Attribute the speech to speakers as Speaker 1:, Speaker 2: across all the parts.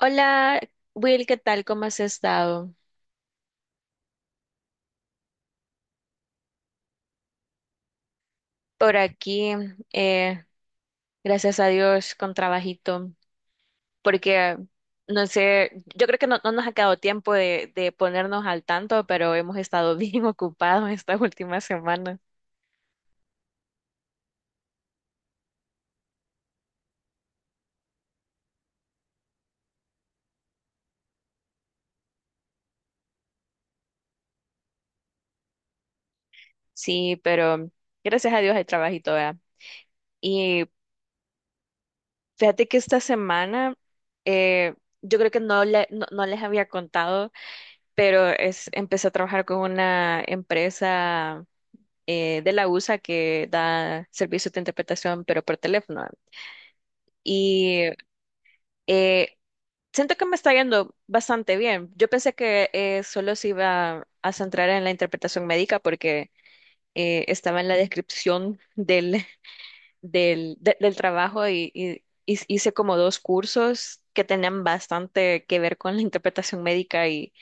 Speaker 1: Hola, Will, ¿qué tal? ¿Cómo has estado? Por aquí, eh, gracias a Dios, con trabajito, porque no sé, yo creo que no nos ha quedado tiempo de ponernos al tanto, pero hemos estado bien ocupados estas últimas semanas. Sí, pero gracias a Dios hay trabajito, ¿verdad? Y fíjate que esta semana, eh, yo creo que no les había contado, pero es, empecé a trabajar con una empresa de la USA, que da servicios de interpretación, pero por teléfono. Y eh, siento que me está yendo bastante bien. Yo pensé que solo se iba a centrar en la interpretación médica porque estaba en la descripción del trabajo y, y hice como dos cursos que tenían bastante que ver con la interpretación médica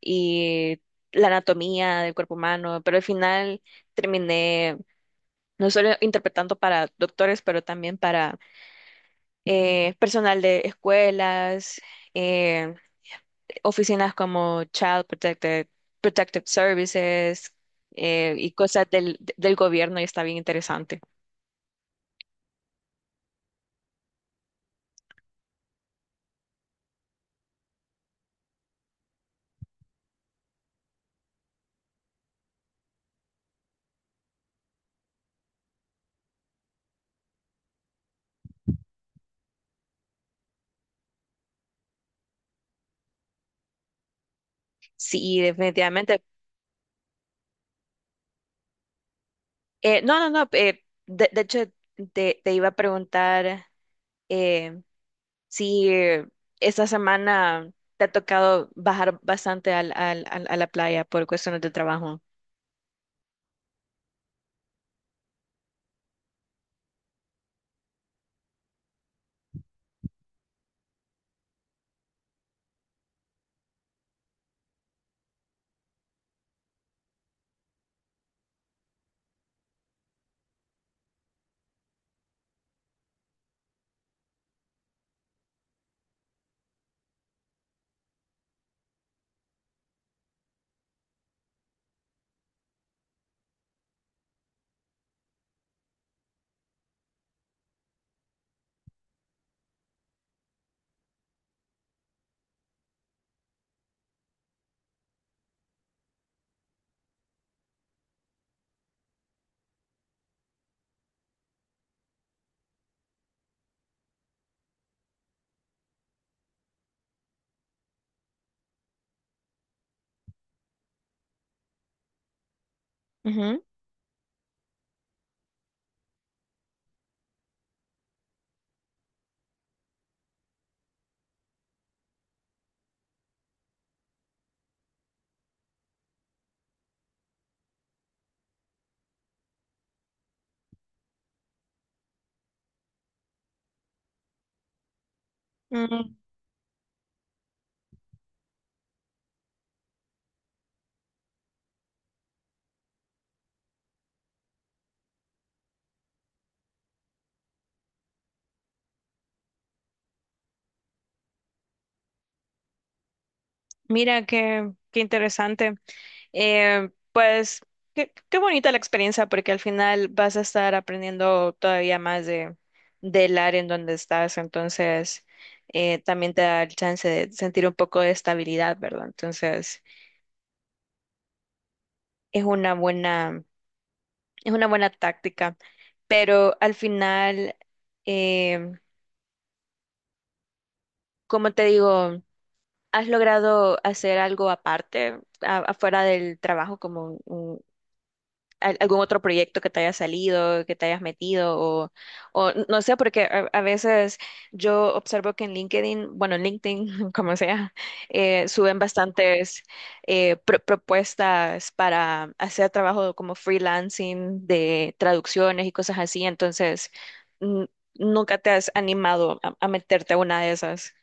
Speaker 1: y la anatomía del cuerpo humano, pero al final terminé no solo interpretando para doctores, pero también para personal de escuelas, eh, oficinas como Child Protected, Protective Services, y cosas del gobierno, y está bien interesante. Sí, definitivamente. No, no, no. De hecho, te iba a preguntar eh, si esta semana te ha tocado bajar bastante al, a la playa por cuestiones de trabajo. Ujú. Mira, qué, qué interesante. Pues qué, qué bonita la experiencia porque al final vas a estar aprendiendo todavía más de, del área en donde estás. Entonces, también te da el chance de sentir un poco de estabilidad, ¿verdad? Entonces, es una buena, es una buena táctica. Pero al final, eh, como te digo, ¿has logrado hacer algo aparte, a- afuera del trabajo, como un, al- algún otro proyecto que te haya salido, que te hayas metido o no sé, porque a veces yo observo que en LinkedIn, bueno, en LinkedIn, como sea, suben bastantes pro- propuestas para hacer trabajo como freelancing de traducciones y cosas así, entonces mm, nunca te has animado a meterte a una de esas.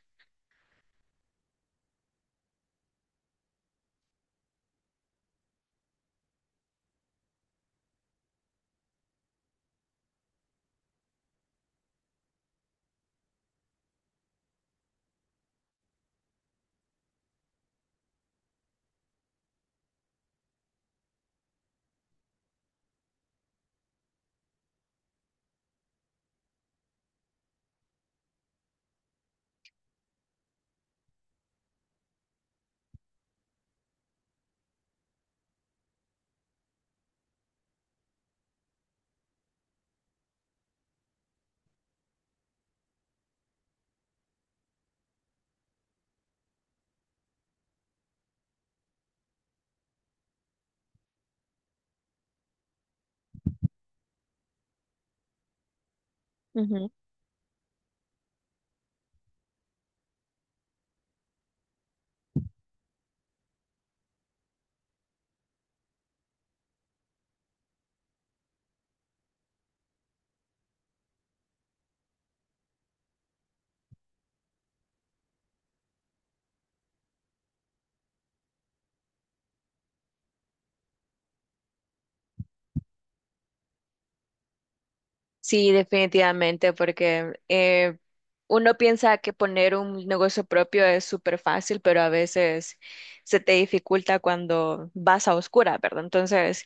Speaker 1: Sí, definitivamente, porque uno piensa que poner un negocio propio es súper fácil, pero a veces se te dificulta cuando vas a oscura, ¿verdad? Entonces,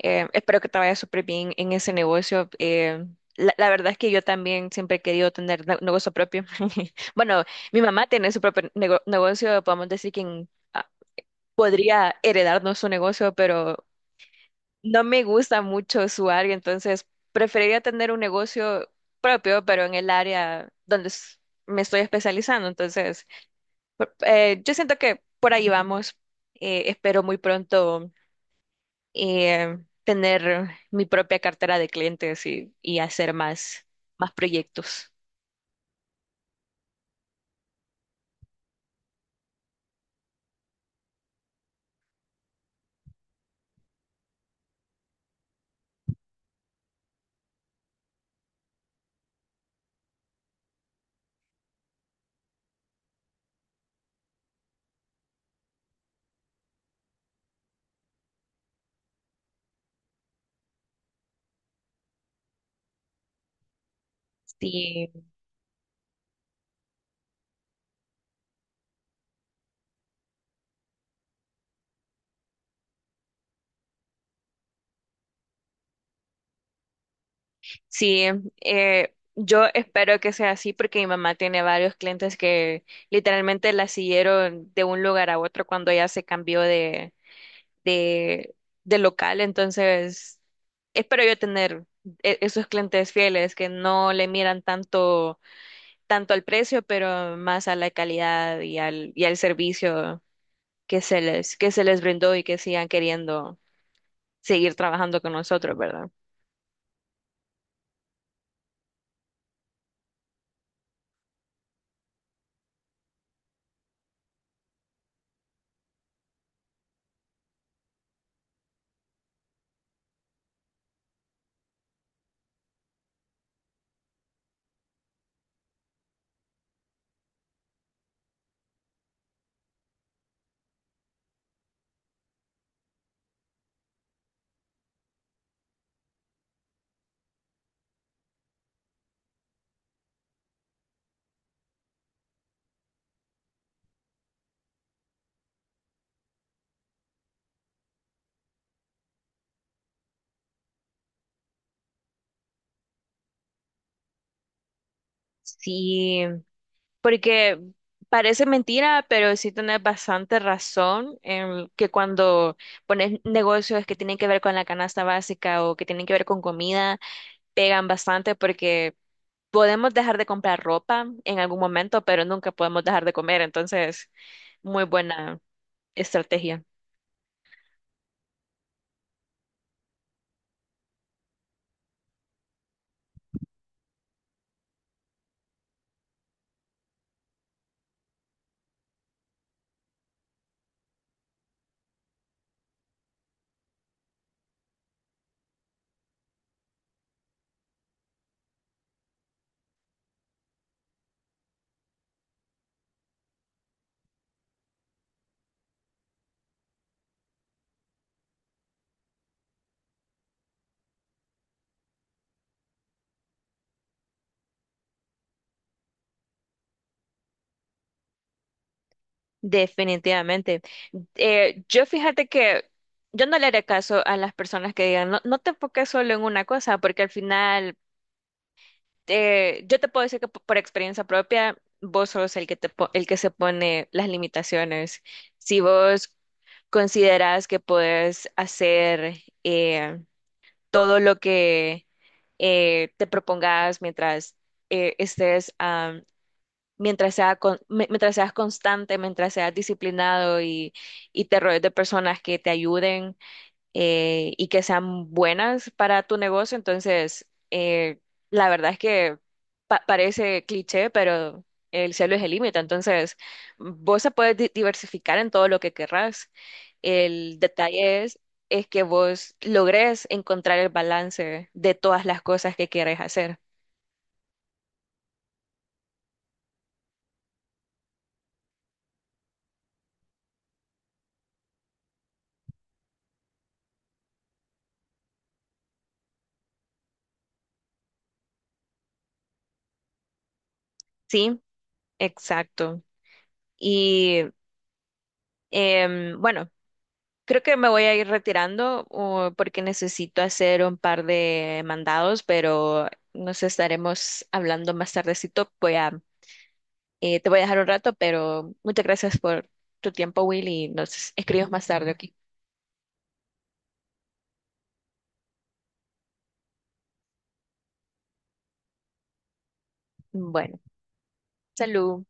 Speaker 1: espero que te vaya súper bien en ese negocio. La, la verdad es que yo también siempre he querido tener ne- negocio propio. Bueno, mi mamá tiene su propio nego- negocio, podemos decir que ah, podría heredarnos su negocio, pero no me gusta mucho su área, entonces preferiría tener un negocio propio, pero en el área donde s- me estoy especializando. Entonces, por- yo siento que por ahí vamos. Espero muy pronto eh, tener mi propia cartera de clientes y hacer más, más proyectos. Sí, sí, yo espero que sea así porque mi mamá tiene varios clientes que literalmente la siguieron de un lugar a otro cuando ella se cambió de de, de local, entonces espero yo tener e- esos clientes fieles que no le miran tanto, tanto al precio, pero más a la calidad y al servicio que se les brindó y que sigan queriendo seguir trabajando con nosotros, ¿verdad? Sí, porque parece mentira, pero sí tenés bastante razón en que cuando pones negocios que tienen que ver con la canasta básica o que tienen que ver con comida, pegan bastante porque podemos dejar de comprar ropa en algún momento, pero nunca podemos dejar de comer. Entonces, muy buena estrategia. Definitivamente. Yo fíjate que yo no le haré caso a las personas que digan, no, no te enfoques solo en una cosa, porque al final, yo te puedo decir que p- por experiencia propia, vos sos el que te, po- el que se pone las limitaciones. Si vos consideras que puedes hacer eh, todo lo que te propongas, mientras eh, estés, am, mientras sea con- mi- mientras seas constante, mientras seas disciplinado y te rodees de personas que te ayuden, y que sean buenas para tu negocio. Entonces, la verdad es que pa- parece cliché, pero el cielo es el límite. Entonces, vos se puedes di- diversificar en todo lo que querrás. El detalle es que vos logres encontrar el balance de todas las cosas que quieres hacer. Sí, exacto. Y bueno, creo que me voy a ir retirando, porque necesito hacer un par de mandados, pero nos estaremos hablando más tardecito. Voy a, te voy a dejar un rato, pero muchas gracias por tu tiempo, Will, y nos escribimos más tarde aquí. Bueno, salud.